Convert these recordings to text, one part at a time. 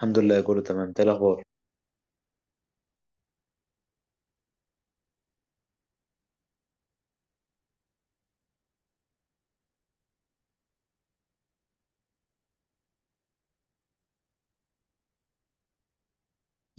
الحمد لله كله تمام. ايه الاخبار؟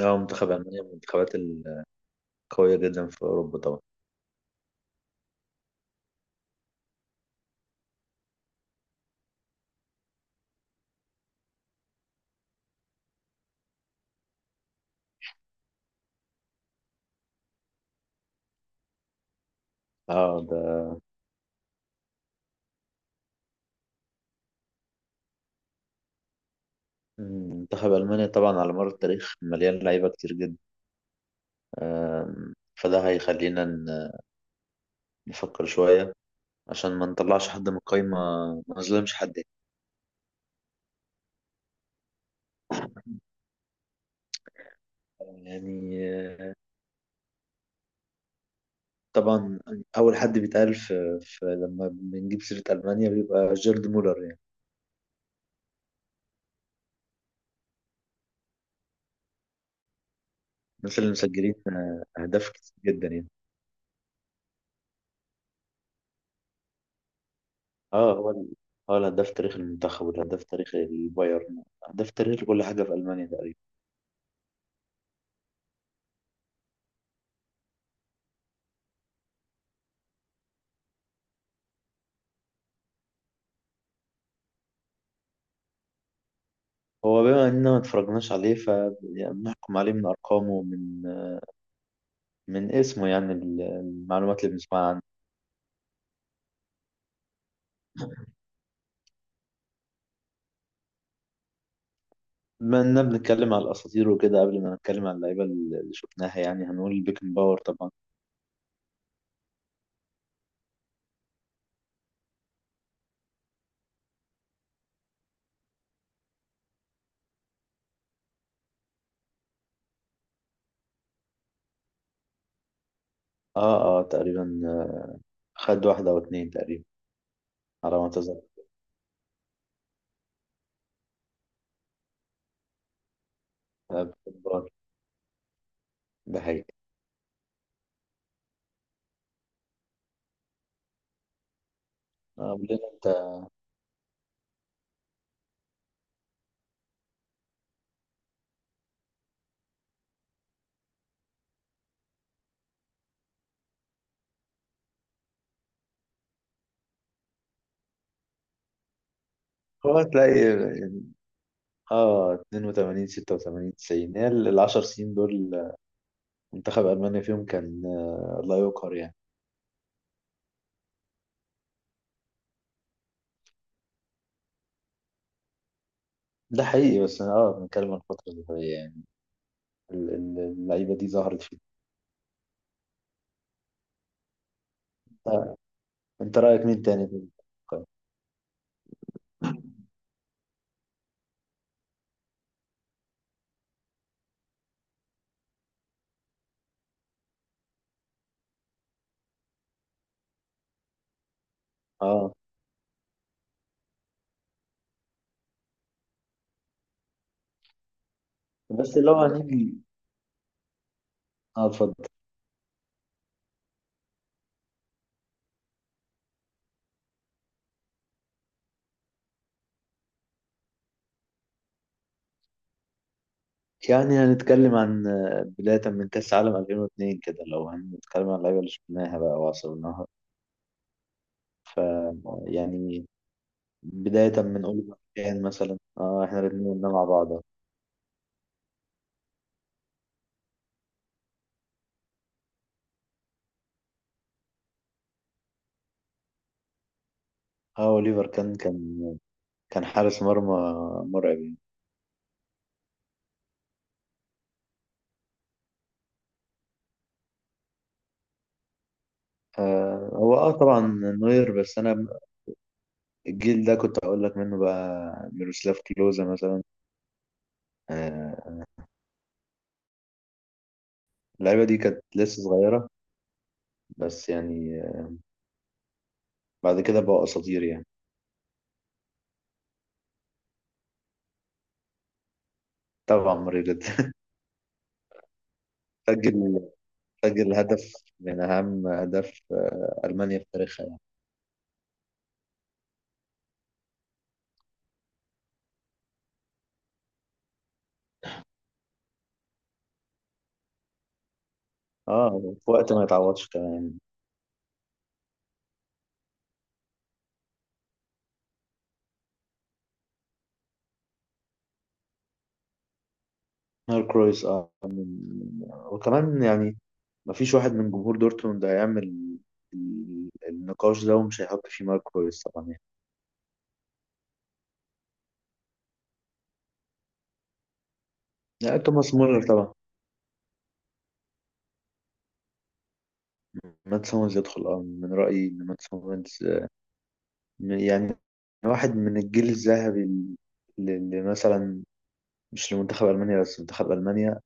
اه، منتخب المانيا من المنتخبات القويه جدا في اوروبا طبعا. اه ده منتخب المانيا طبعا على مر التاريخ مليان لعيبه كتير جدا. فده هيخلينا نفكر شويه عشان ما نطلعش حد من القايمه، ما نظلمش حد. يعني آه، طبعا اول حد بيتقال في لما بنجيب سيره المانيا بيبقى جيرد مولر يعني. مثلا مسجلين اهداف كتير جدا يعني. اه هو الهداف تاريخ المنتخب، والهداف تاريخ البايرن، هداف تاريخ كل حاجة في ألمانيا تقريبا. هو بما إننا ما اتفرجناش عليه فبنحكم عليه من أرقامه ومن اسمه، يعني المعلومات اللي بنسمعها عنه. بما إننا بنتكلم على الأساطير وكده، قبل ما نتكلم على اللعيبة اللي شفناها، يعني هنقول بيكن باور طبعا. اه تقريبا، خد واحدة أو اتنين تقريبا على ما أتذكر. آه، بيكن باور ده حقيقي. آه، قبل انت، هو هتلاقي اه 82 86 90، هي ال 10 سنين دول منتخب ألمانيا فيهم كان لا يقهر يعني. ده حقيقي، بس أنا اه بنتكلم عن الفترة اللي هي يعني اللعيبة دي ظهرت فيه. آه، أنت رأيك مين تاني في المنتخب؟ اه، بس لو هنيجي، اه اتفضل. يعني هنتكلم عن آه، بداية من كأس عالم 2002 كده، لو هنتكلم عن اللعيبة اللي شفناها بقى وعصرناها. ف يعني بداية من أوليفر كان مثلا، اه احنا الاتنين قلنا مع بعض. اه، أوليفر كان كان حارس مرمى مرعب. آه، هو اه طبعا نوير، بس انا الجيل ده كنت اقول لك منه بقى ميروسلاف كلوزا مثلا. آه، اللعيبه دي كانت لسه صغيره، بس يعني بعد كده بقوا اساطير يعني. طبعا مريض. سجل سجل هدف من اهم اهداف آه المانيا في تاريخها يعني. اه، في وقت ما يتعوضش كمان. نوير، كرويس، اه وكمان يعني ما فيش واحد من جمهور دورتموند هيعمل النقاش ده ومش هيحط فيه مارك كويس طبعا يعني. لا، توماس مولر طبعا. مات سومرز يدخل، اه من رأيي ان مات سومرز آه، يعني واحد من الجيل الذهبي اللي مثلا مش لمنتخب ألمانيا بس، منتخب ألمانيا،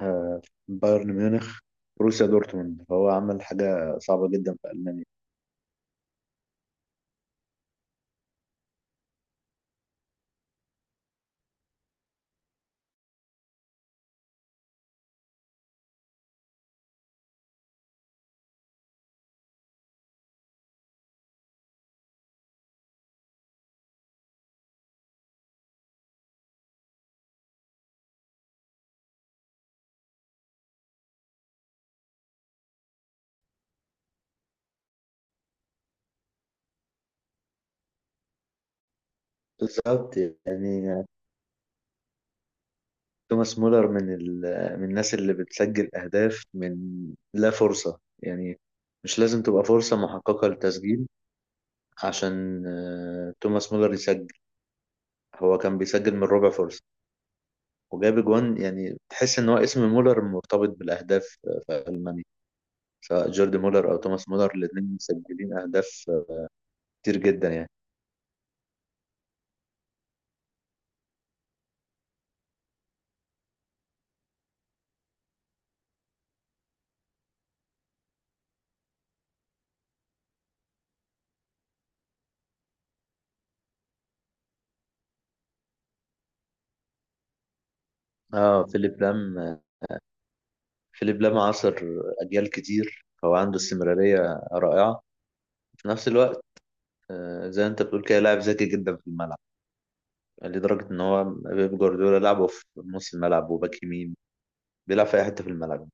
آه، بايرن ميونخ، بروسيا دورتموند، فهو عمل حاجة صعبة جدا في ألمانيا. بالظبط. يعني توماس مولر من من الناس اللي بتسجل أهداف من لا فرصة يعني، مش لازم تبقى فرصة محققة للتسجيل عشان توماس مولر يسجل. هو كان بيسجل من ربع فرصة، وجاب اجوان. يعني تحس ان هو اسم مولر مرتبط بالاهداف آه، في المانيا، سواء جوردي مولر او توماس مولر، الاثنين مسجلين اهداف كتير جدا يعني. اه، فيليب لام، آه، فيليب لام عاصر اجيال كتير، هو عنده استمراريه رائعه في نفس الوقت. آه، زي ما انت بتقول كده، لاعب ذكي جدا في الملعب لدرجه ان هو بيب جوارديولا لعبه في نص الملعب وباك يمين، بيلعب في اي حته في الملعب.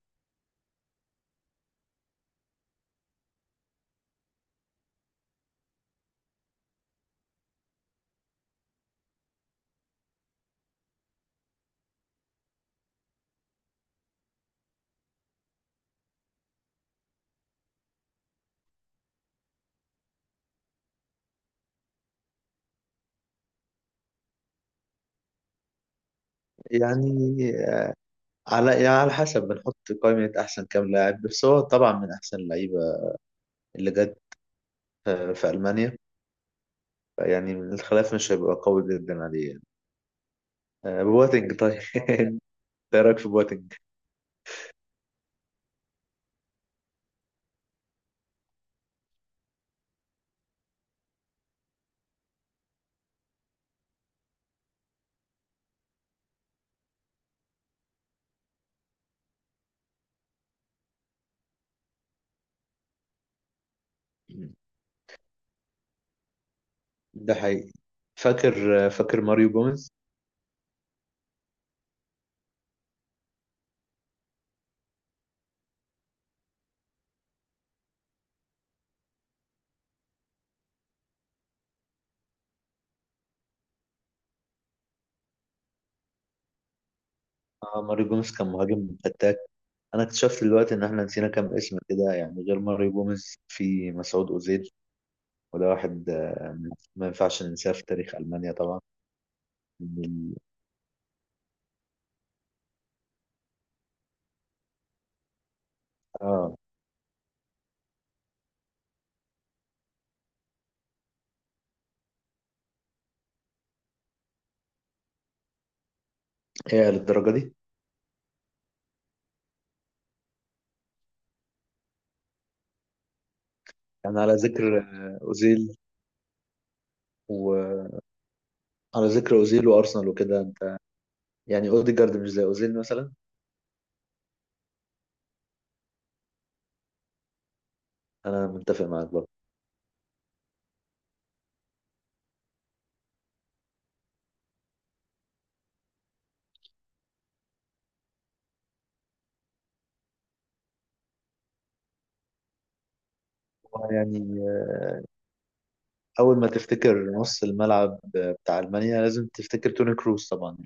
يعني آه، على يعني على حسب بنحط قائمه احسن كام لاعب، بس هو طبعا من احسن اللعيبه اللي جت آه، في ألمانيا. يعني الخلاف مش هيبقى قوي جدا عليه يعني. آه، بواتينج طيب، ايه رأيك في بواتينج؟ ده حقيقي. فاكر آه، فاكر ماريو جوميز؟ اه، ماريو جوميز كان مهاجم فتاك. انا اكتشفت دلوقتي ان احنا نسينا كام اسم كده، يعني غير ماريو جوميز في مسعود اوزيل، وده واحد آه، ما ينفعش ننساه في تاريخ ألمانيا طبعا. من- اه، هي للدرجة دي؟ يعني على ذكر آه، اوزيل، وعلى ذكر اوزيل وارسنال وكده انت، يعني اوديجارد مش زي اوزيل مثلا. انا متفق معاك برضه. يعني أول ما تفتكر نص الملعب بتاع ألمانيا لازم تفتكر توني كروس طبعا.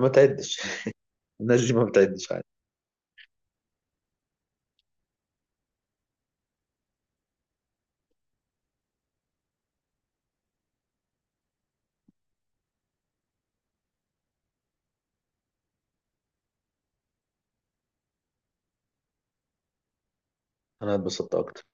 ما تعدش. الناس دي ما بتعدش عادي. أنا اتبسطت أكتر.